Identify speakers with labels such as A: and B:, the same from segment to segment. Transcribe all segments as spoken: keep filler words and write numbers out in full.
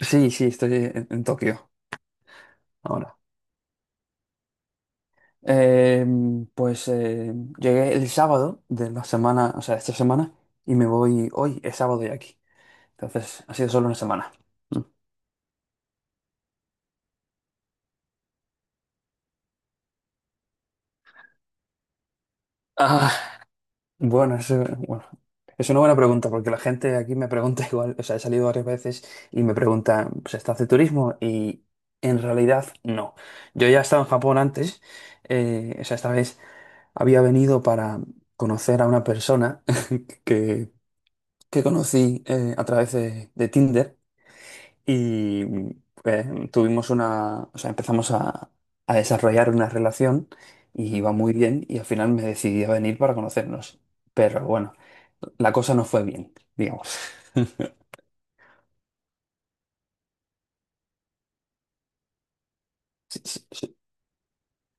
A: Sí, sí, estoy en, en Tokio ahora. Eh, pues eh, Llegué el sábado de la semana, o sea, esta semana, y me voy hoy, es sábado ya aquí. Entonces, ha sido solo una semana. Mm. Ah, bueno, eso, bueno, es una buena pregunta, porque la gente aquí me pregunta igual, o sea, he salido varias veces y me pregunta ¿se está hace turismo? Y en realidad, no. Yo ya estaba en Japón antes, eh, o sea, esta vez había venido para conocer a una persona que que conocí eh, a través de, de Tinder y pues, tuvimos una, o sea, empezamos a, a desarrollar una relación y iba muy bien y al final me decidí a venir para conocernos. Pero bueno, la cosa no fue bien, digamos. Sí, sí, sí.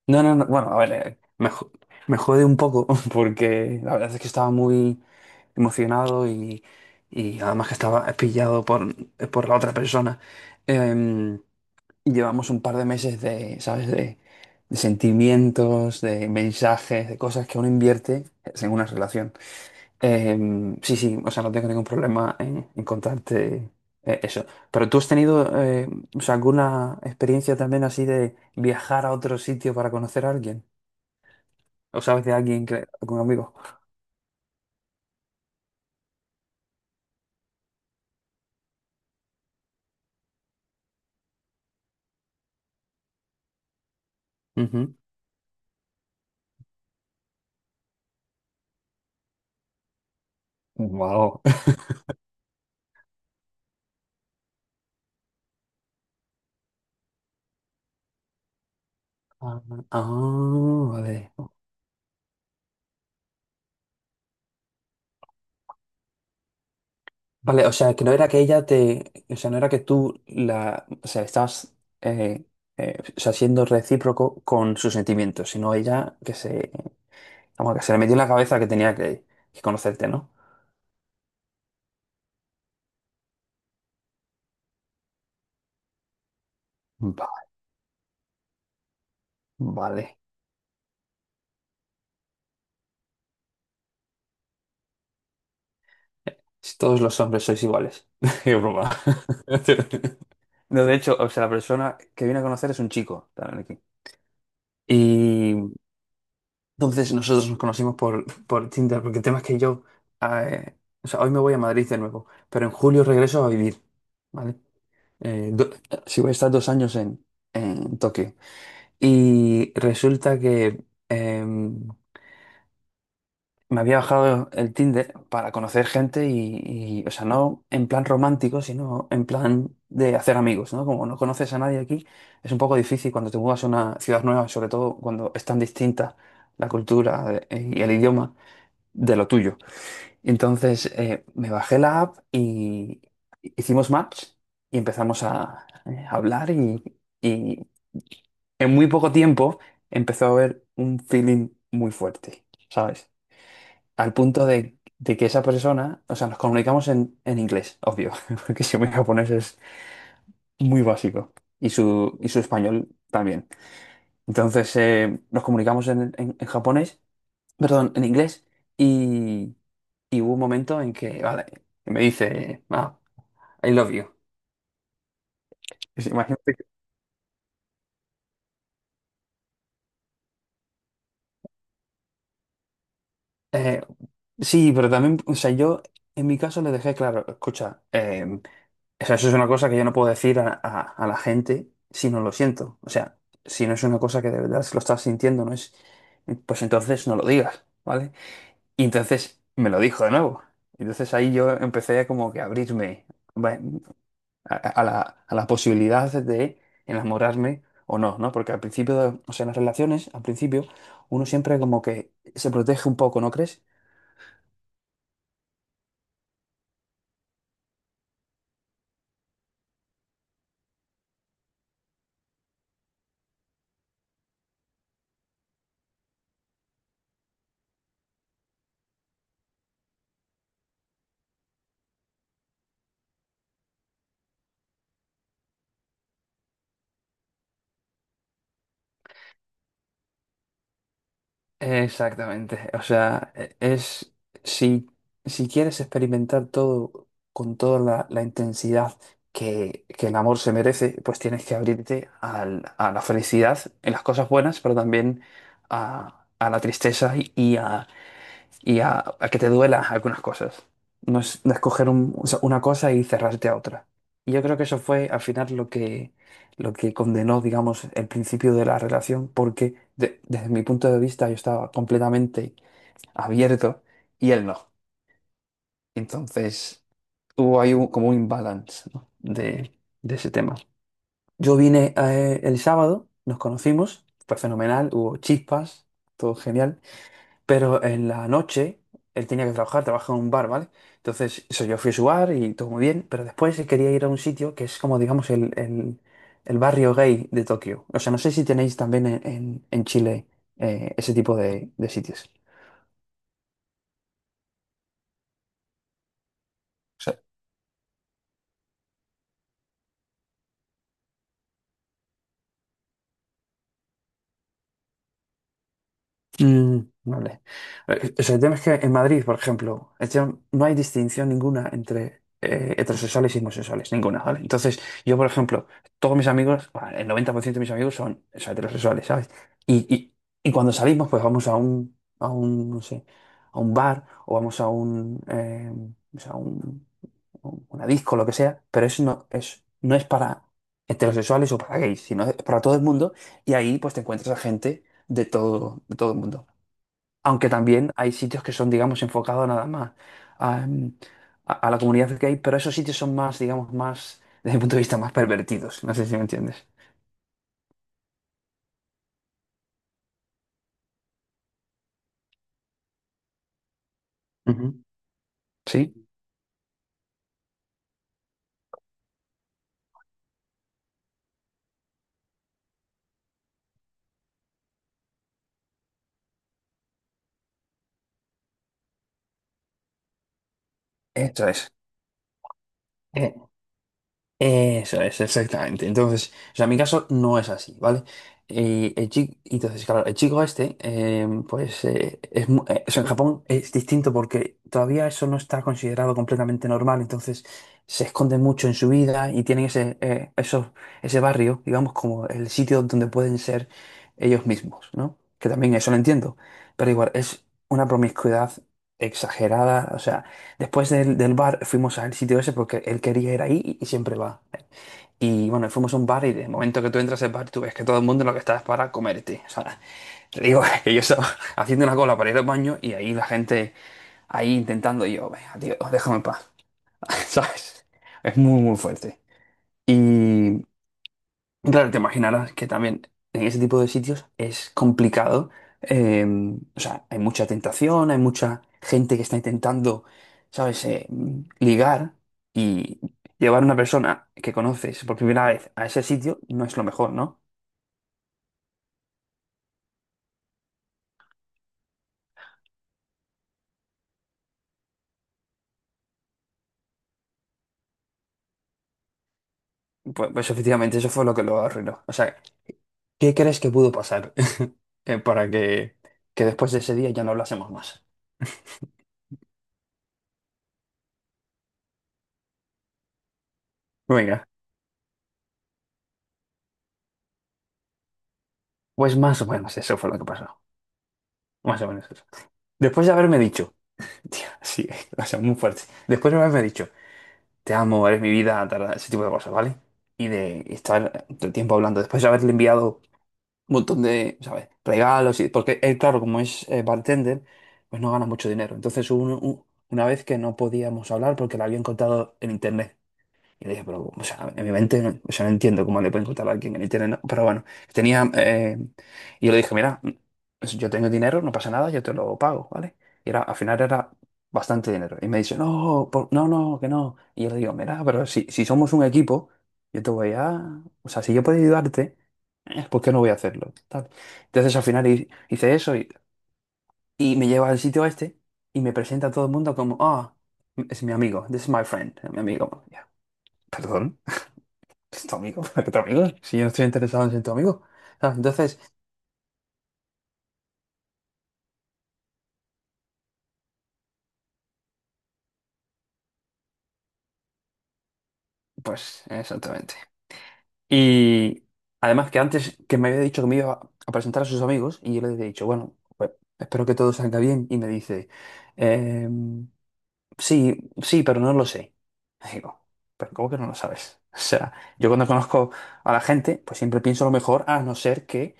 A: No, no, no, bueno, a ver, eh, me, jo- me jode un poco porque la verdad es que estaba muy emocionado y, y además que estaba pillado por, por la otra persona. Em, Y llevamos un par de meses de, ¿sabes? De, de sentimientos, de mensajes, de cosas que uno invierte en una relación. Eh, sí, sí, o sea, no tengo ningún problema en, en contarte eh, eso. Pero tú has tenido, eh, o sea, alguna experiencia también así de viajar a otro sitio para conocer a alguien. ¿O sabes de alguien que, algún amigo? Ujú. Wow. Ah, ah, vale. Vale, o sea, que no era que ella te, o sea, no era que tú la, o sea, estabas, eh, eh, o sea, siendo recíproco con sus sentimientos, sino ella que se, vamos, que se le metió en la cabeza que tenía que, que conocerte, ¿no? Va- vale. Si todos los hombres sois iguales. Qué broma. No, de hecho, o sea, la persona que viene a conocer es un chico, también aquí. Entonces nosotros nos conocimos por, por Tinder, porque el tema es que yo, eh, o sea, hoy me voy a Madrid de nuevo, pero en julio regreso a vivir, ¿vale? Eh, do- sí voy a estar dos años en, en Tokio. Y resulta que em, me había bajado el Tinder para conocer gente y, y, o sea, no en plan romántico, sino en plan de hacer amigos, ¿no? Como no conoces a nadie aquí, es un poco difícil cuando te mudas a una ciudad nueva, sobre todo cuando es tan distinta la cultura eh, y el idioma de lo tuyo. Entonces eh, me bajé la app y hicimos match y empezamos a, eh, a hablar y, y en muy poco tiempo empezó a haber un feeling muy fuerte, ¿sabes? Al punto de, de que esa persona, o sea, nos comunicamos en, en inglés, obvio, porque si mi japonés es muy básico y su, y su español también. Entonces eh, nos comunicamos en, en en japonés, perdón, en inglés. Y Y hubo un momento en que, vale, me dice, ah, I love you. Es- Imagínate que Eh, sí, pero también, o sea, yo en mi caso le dejé claro, escucha, eh, o sea, eso es una cosa que yo no puedo decir a, a- a la gente si no lo siento. O sea, si no es una cosa que de verdad se lo estás sintiendo, no es, pues entonces no lo digas, ¿vale? Y entonces me lo dijo de nuevo. Entonces ahí yo empecé como que a abrirme. A, a la, a la posibilidad de enamorarme o no, ¿no? Porque al principio, o sea, en las relaciones, al principio, uno siempre como que se protege un poco, ¿no crees? Exactamente. O sea, e- es si, si quieres experimentar todo con toda la, la intensidad que, que el amor se merece, pues tienes que abrirte al- a la felicidad en las cosas buenas, pero también a, a la tristeza y, y a, a que te duela algunas cosas. No es no escoger un- o sea, una cosa y cerrarte a otra. Y yo creo que eso fue al final lo que, lo que condenó, digamos, el principio de la relación, porque de- desde mi punto de vista yo estaba completamente abierto y él no. Entonces hubo ahí un- como un imbalance, ¿no? de, de ese tema. Yo vine eh, el sábado, nos conocimos, fue fenomenal, hubo chispas, todo genial. Pero en la noche él tenía que trabajar, trabajaba en un bar, ¿vale? Entonces, eso, yo fui a su bar y todo muy bien, pero después él quería ir a un sitio que es como, digamos, el, el- el barrio gay de Tokio. O sea, no sé si tenéis también en, en- en Chile eh, ese tipo de, de sitios. Mm, vale. Eh, O sea, el tema es que en Madrid, por ejemplo, el tema- no hay distinción ninguna entre eh, heterosexuales y homosexuales, ninguna, ¿vale? Entonces, yo, por ejemplo, todos mis amigos, bah, el noventa por ciento de mis amigos son, o sea, heterosexuales, ¿sabes? Y, y, y cuando salimos, pues vamos a un, a un, no sé, a un bar o vamos a un, eh, o sea, un- un- una disco, lo que sea, pero eso no es, no es para heterosexuales o para gays, sino es para todo el mundo y ahí, pues, te encuentras a gente de todo, de todo el mundo. Aunque también hay sitios que son, digamos, enfocados nada más a, mm, a- a la comunidad gay, pero esos sitios son más, digamos, más, desde mi punto de vista, más pervertidos. No sé si me entiendes. Ujú. ¿Sí? Esto es. Eso es, exactamente. Entonces, o sea, mi caso no es así, ¿vale? Y el chico, entonces, claro, el chico este, eh, pues, eh, es, mu- eh, o sea, en Japón es distinto porque todavía eso no está considerado completamente normal, entonces se esconden mucho en su vida y tienen ese, eh, esos- ese barrio, digamos, como el sitio donde pueden ser ellos mismos, ¿no? Que también eso lo entiendo, pero igual, es una promiscuidad exagerada, o sea. Después del, del bar fuimos al sitio ese porque él quería ir ahí y, y siempre va. Y bueno, fuimos a un bar y de momento que tú entras al bar, tú ves que todo el mundo lo que está es para comerte. O sea, te digo que yo estaba haciendo una cola para ir al baño y ahí la gente ahí intentando y yo, venga, tío, déjame en paz. ¿Sabes? Es muy, muy fuerte. Y Claro, te imaginarás que también en ese tipo de sitios es complicado. eh, o sea, hay mucha tentación, hay mucha gente que está intentando, ¿sabes?, eh, ligar y llevar a una persona que conoces por primera vez a ese sitio no es lo mejor, ¿no? Pues, pues efectivamente, eso fue lo que lo arruinó. O sea, ¿qué crees que pudo pasar eh, para que, que después de ese día ya no hablásemos más? Venga, pues más o menos eso fue lo que pasó. Más o menos eso. Después de haberme dicho. Tío, sí, o sea, muy fuerte. Después una vez me ha dicho, te amo, eres mi vida, tal, ese tipo de cosas, ¿vale? Y de estar todo el tiempo hablando. Después de haberle enviado un montón de, ¿sabes? Regalos. Y, porque él, claro, como es eh, bartender, pues no gana mucho dinero. Entonces hubo un- un- una vez que no podíamos hablar porque le habían contado en internet. Y dije, pero, o sea, en mi mente, no- o sea, no entiendo cómo le pueden contar a alguien en internet, ¿no? tiene, na- Pero bueno, tenía, eh, y yo le dije, mira, pues yo tengo dinero, no pasa nada, yo te lo pago, ¿vale? Y era, al final era bastante dinero. Y me dice, no, por- no, no, que no. Y yo le digo, mira, pero si, si somos un equipo, yo te voy a, o sea, si yo puedo ayudarte, eh, ¿por qué no voy a hacerlo? Tal. Entonces al final hi- hice eso y, y me lleva al sitio este y me presenta a todo el mundo como, ah, es mi amigo, this is my friend, mi amigo. Ya, perdón. ¿Es tu amigo? ¿Para qué tu amigo? Si yo no estoy interesado en ser tu amigo. ¿Sabes? Entonces, pues exactamente. Y además que antes que me había dicho que me iba a presentar a sus amigos y yo le había dicho, bueno, pues espero que todo salga bien. Y me dice, "Em, sí, sí, pero no lo sé. Y digo, pero ¿cómo que no lo sabes? O sea, yo cuando conozco a la gente, pues siempre pienso lo mejor, a no ser que,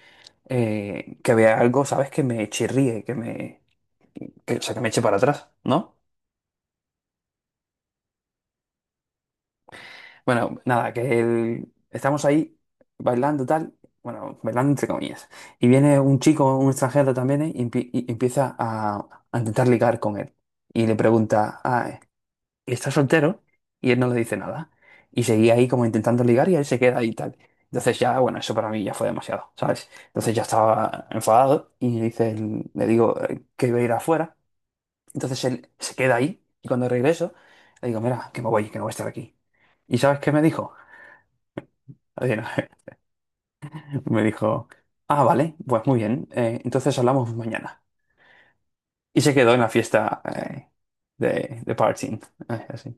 A: eh, que vea algo, ¿sabes? Que me chirríe, que me, que, o sea, que me eche para atrás, ¿no? Bueno, nada, que el- estamos ahí bailando tal, bueno, bailando entre comillas. Y viene un chico, un extranjero también, eh, y, empie- y empieza a, a intentar ligar con él. Y le pregunta, ah, eh, ¿estás soltero? Y él no le dice nada. Y seguía ahí como intentando ligar y él se queda ahí y tal. Entonces ya, bueno, eso para mí ya fue demasiado, ¿sabes? Entonces ya estaba enfadado y le dice, el- le digo eh, que iba a ir afuera. Entonces él se queda ahí y cuando regreso le digo, mira, que me voy, que no voy a estar aquí. ¿Y sabes qué me dijo? Así no. Me dijo, ah, vale, pues muy bien, eh, entonces hablamos mañana. Y se quedó en la fiesta eh, de, de partying, eh, así.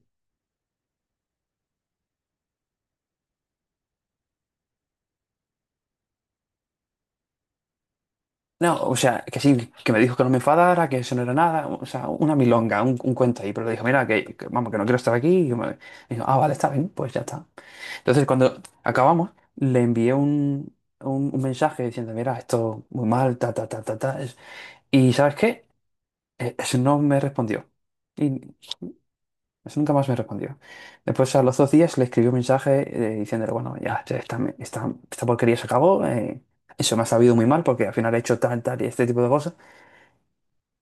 A: No, o sea, que sí, que me dijo que no me enfadara, que eso no era nada, o sea, una milonga, un, un cuento ahí, pero le dijo, mira, que, que vamos, que no quiero estar aquí. Y me- me dijo, ah, vale, está bien, pues ya está. Entonces, cuando acabamos, le envié un, un, un mensaje diciendo, mira, esto muy mal, ta, ta, ta, ta, ta. Es, y ¿sabes qué? Eh, Eso no me respondió. Y eso nunca más me respondió. Después, a los dos días, le escribí un mensaje eh, diciéndole, bueno, ya, ya esta, esta, esta porquería se acabó. Eh, eso me ha sabido muy mal porque al final he hecho tal, tal y este tipo de cosas.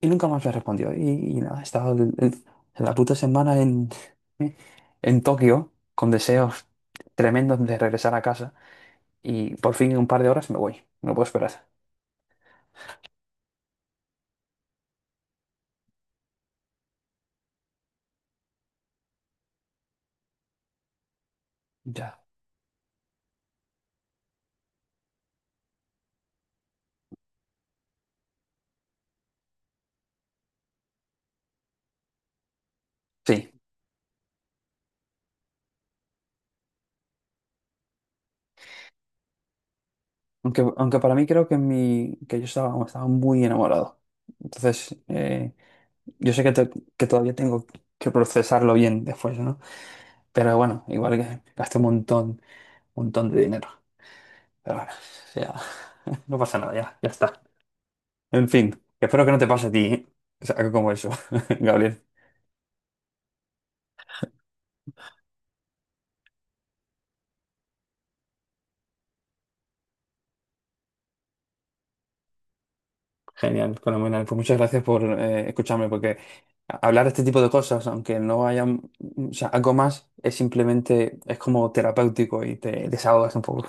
A: Y nunca más me respondió. Y, y nada, he estado el- el- la puta semana en, eh, en Tokio con deseos tremendos de regresar a casa. Y por fin en un par de horas me voy. No puedo esperar. Ya. Sí. Aunque, aunque para mí creo que, mi, que yo estaba, estaba muy enamorado. Entonces... eh, yo sé que, te- que todavía tengo que procesarlo bien después, ¿no? Pero bueno, igual que gasté un montón, montón de dinero. Pero bueno, o sea, no pasa nada, ya, ya está. En fin, espero que no te pase a ti, ¿eh? O sea, algo como eso, Gabriel. Genial, fenomenal. Pues muchas gracias por eh, escucharme, porque a- hablar de este tipo de cosas, aunque no haya, mm, o sea, algo más, es simplemente, es como terapéutico y te desahogas un poco.